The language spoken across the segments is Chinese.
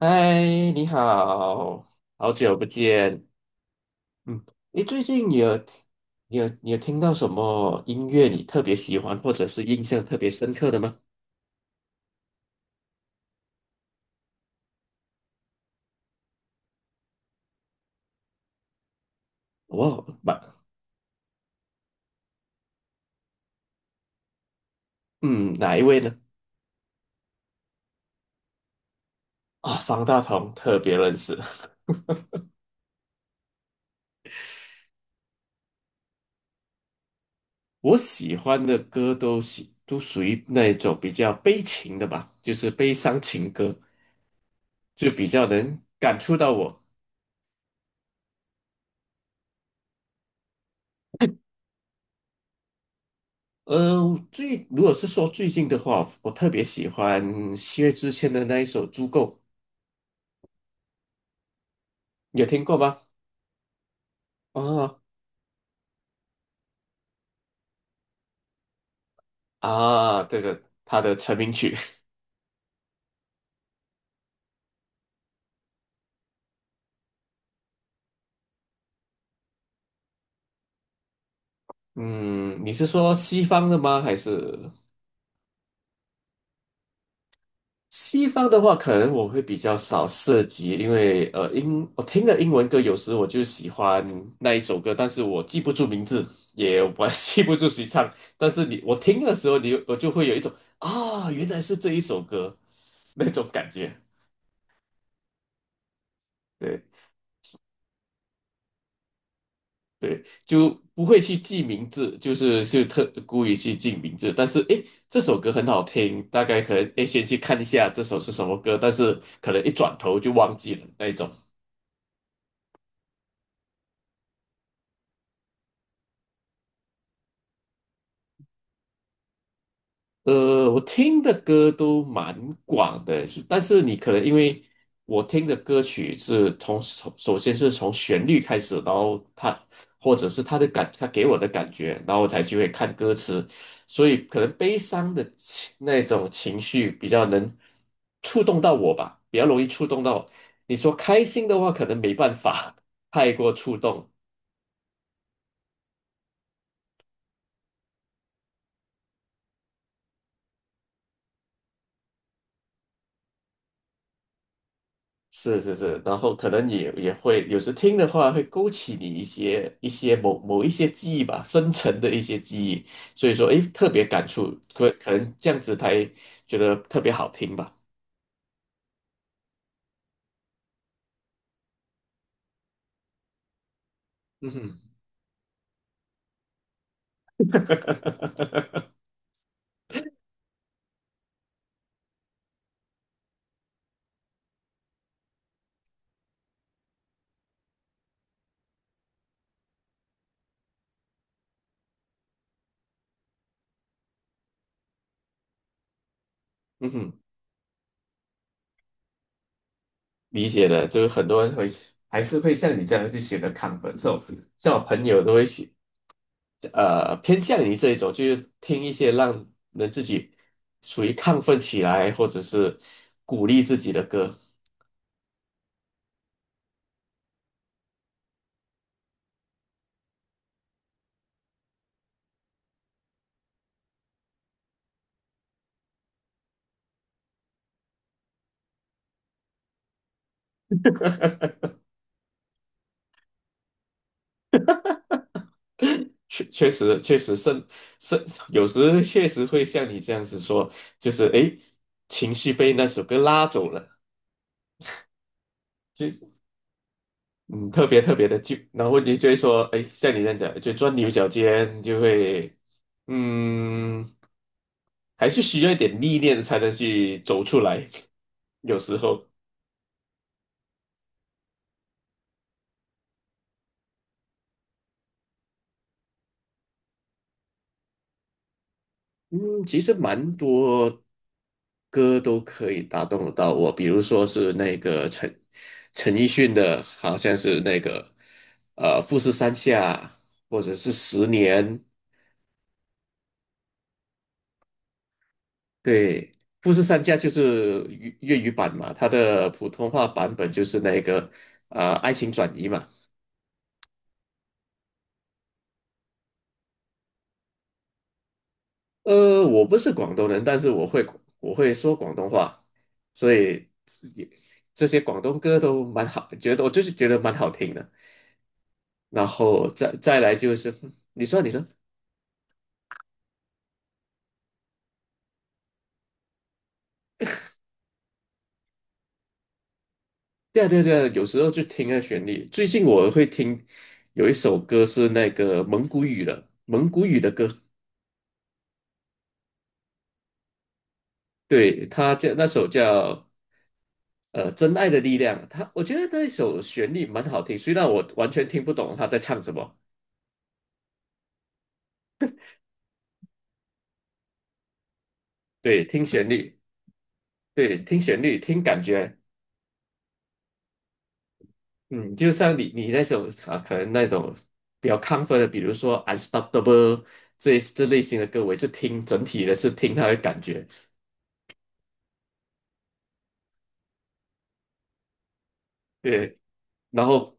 嗨，你好，好久不见。嗯，你最近你有听到什么音乐你特别喜欢，或者是印象特别深刻的吗？我，哪嗯哪一位呢？啊、方大同特别认识。我喜欢的歌都属于那种比较悲情的吧，就是悲伤情歌，就比较能感触到我。呃，如果是说最近的话，我特别喜欢薛之谦的那一首《足够》。有听过吗？哦啊，这个他的成名曲，嗯，你是说西方的吗？还是西方的话，可能我会比较少涉及，因为英我听的英文歌，有时我就喜欢那一首歌，但是我记不住名字，也我 记不住谁唱，但是我听的时候我就会有一种啊，原来是这一首歌那种感觉，对。对，就不会去记名字，就是就特故意去记名字。但是诶，这首歌很好听，大概可能诶先去看一下这首是什么歌，但是可能一转头就忘记了那一种。呃，我听的歌都蛮广的，是但是你可能因为我听的歌曲是首先是从旋律开始，然后它或者是他给我的感觉，然后我才去会看歌词，所以可能悲伤的情那种情绪比较能触动到我吧，比较容易触动到。你说开心的话，可能没办法太过触动，是是是，然后可能也会有时听的话，会勾起你一些记忆吧，深层的一些记忆，所以说，诶，特别感触，可能这样子才觉得特别好听吧。嗯哼，嗯哼，理解的，就是很多人会还是会像你这样去选择亢奋这种，像我朋友都会喜呃偏向于这一种，就是听一些让人自己属于亢奋起来，或者是鼓励自己的歌。确确实确实甚甚，有时确实会像你这样子说，就是诶，情绪被那首歌拉走了，就嗯特别特别的就，然后你就会说，诶，像你这样讲，就钻牛角尖，就会嗯，还是需要一点历练才能去走出来，有时候。嗯，其实蛮多歌都可以打动得到我，比如说是那个陈奕迅的，好像是那个《富士山下》，或者是《十年》。对，《富士山下》就是粤语版嘛，它的普通话版本就是那个《爱情转移》嘛。呃，我不是广东人，但是我会说广东话，所以也这些广东歌都蛮好，觉得我就是觉得蛮好听的。然后再来就是，你说，对啊有时候就听那旋律。最近我会听有一首歌是那个蒙古语的，蒙古语的歌，对，那首叫呃《真爱的力量》，它我觉得那首旋律蛮好听，虽然我完全听不懂他在唱什么，对，听旋律，对，听旋律，听感觉，嗯，就像你那首啊，可能那种比较亢奋的，比如说《Unstoppable》这类型的歌，我也是听整体的是听它的感觉。对，然后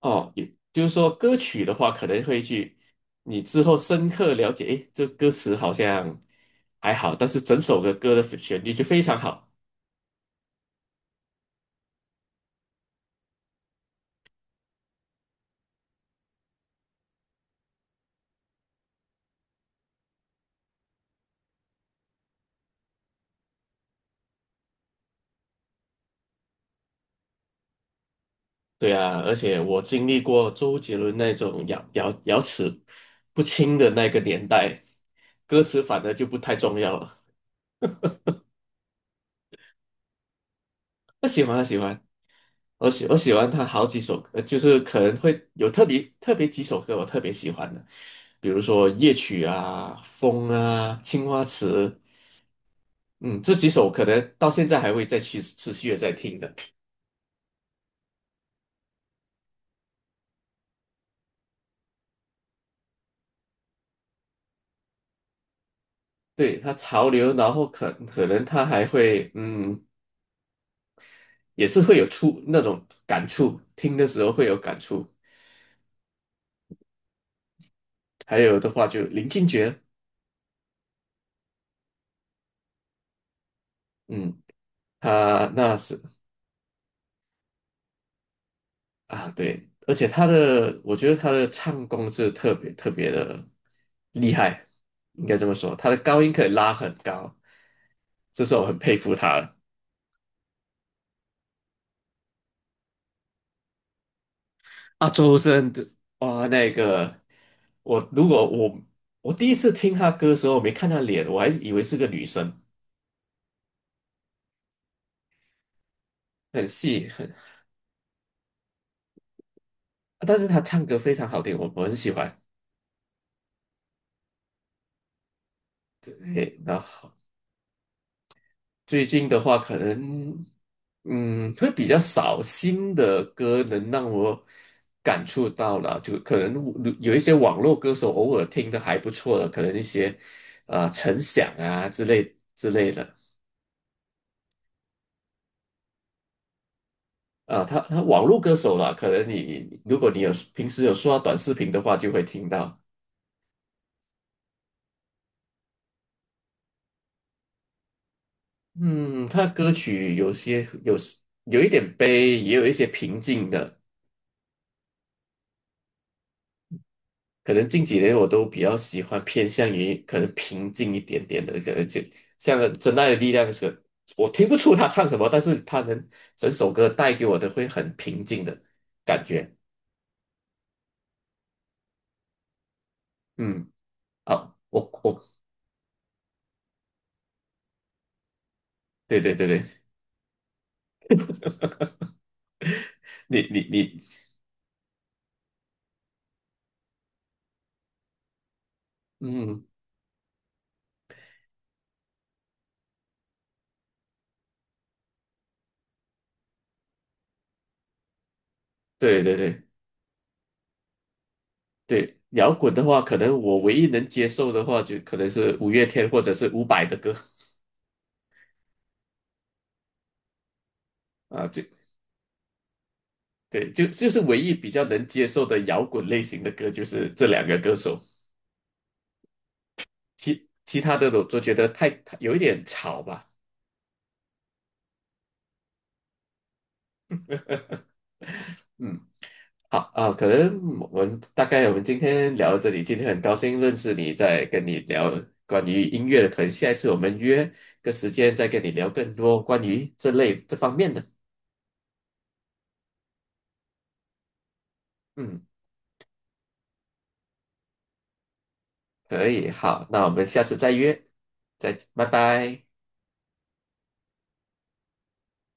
哦，也就是说歌曲的话，可能会去你之后深刻了解，诶，这歌词好像还好，但是整首的歌的旋律就非常好。对啊，而且我经历过周杰伦那种咬齿不清的那个年代，歌词反而就不太重要了。我喜欢，我喜欢，我喜欢他好几首歌，就是可能会有特别特别几首歌我特别喜欢的。比如说夜曲啊、风啊、青花瓷嗯，这几首可能到现在还会再去持续的在听的。对，他潮流，然后可能他还会，嗯，也是会有触那种感触，听的时候会有感触。还有的话就林俊杰，嗯，他那是啊，对，而且我觉得他的唱功是特别特别的厉害，应该这么说，他的高音可以拉很高，这是我很佩服他的。啊，周深的啊，那个我如果我我第一次听他歌的时候，我没看他脸，我还以为是个女生，很细很，但是他唱歌非常好听，我很喜欢。对，然后最近的话，可能嗯会比较少新的歌能让我感触到了，就可能有一些网络歌手偶尔听的还不错的，可能一些啊陈响之类的。啊，他网络歌手啦，可能你如果你有平时有刷短视频的话，就会听到。嗯，他歌曲有些有有一点悲，也有一些平静的。可能近几年我都比较喜欢偏向于可能平静一点点的，可能就像《真爱的力量》是，我听不出他唱什么，但是他能整首歌带给我的会很平静的感觉。嗯，啊，我我对对对对，你你你，嗯，对对对。对，摇滚的话，可能我唯一能接受的话，就可能是五月天或者是伍佰的歌啊，就对，就是唯一比较能接受的摇滚类型的歌，就是这两个歌手，其他的我都觉得太有一点吵吧。嗯，好啊，可能我们今天聊到这里，今天很高兴认识你，在跟你聊关于音乐的，可能下一次我们约个时间再跟你聊更多关于这方面的。嗯。可以，好，那我们下次再约，再，拜拜。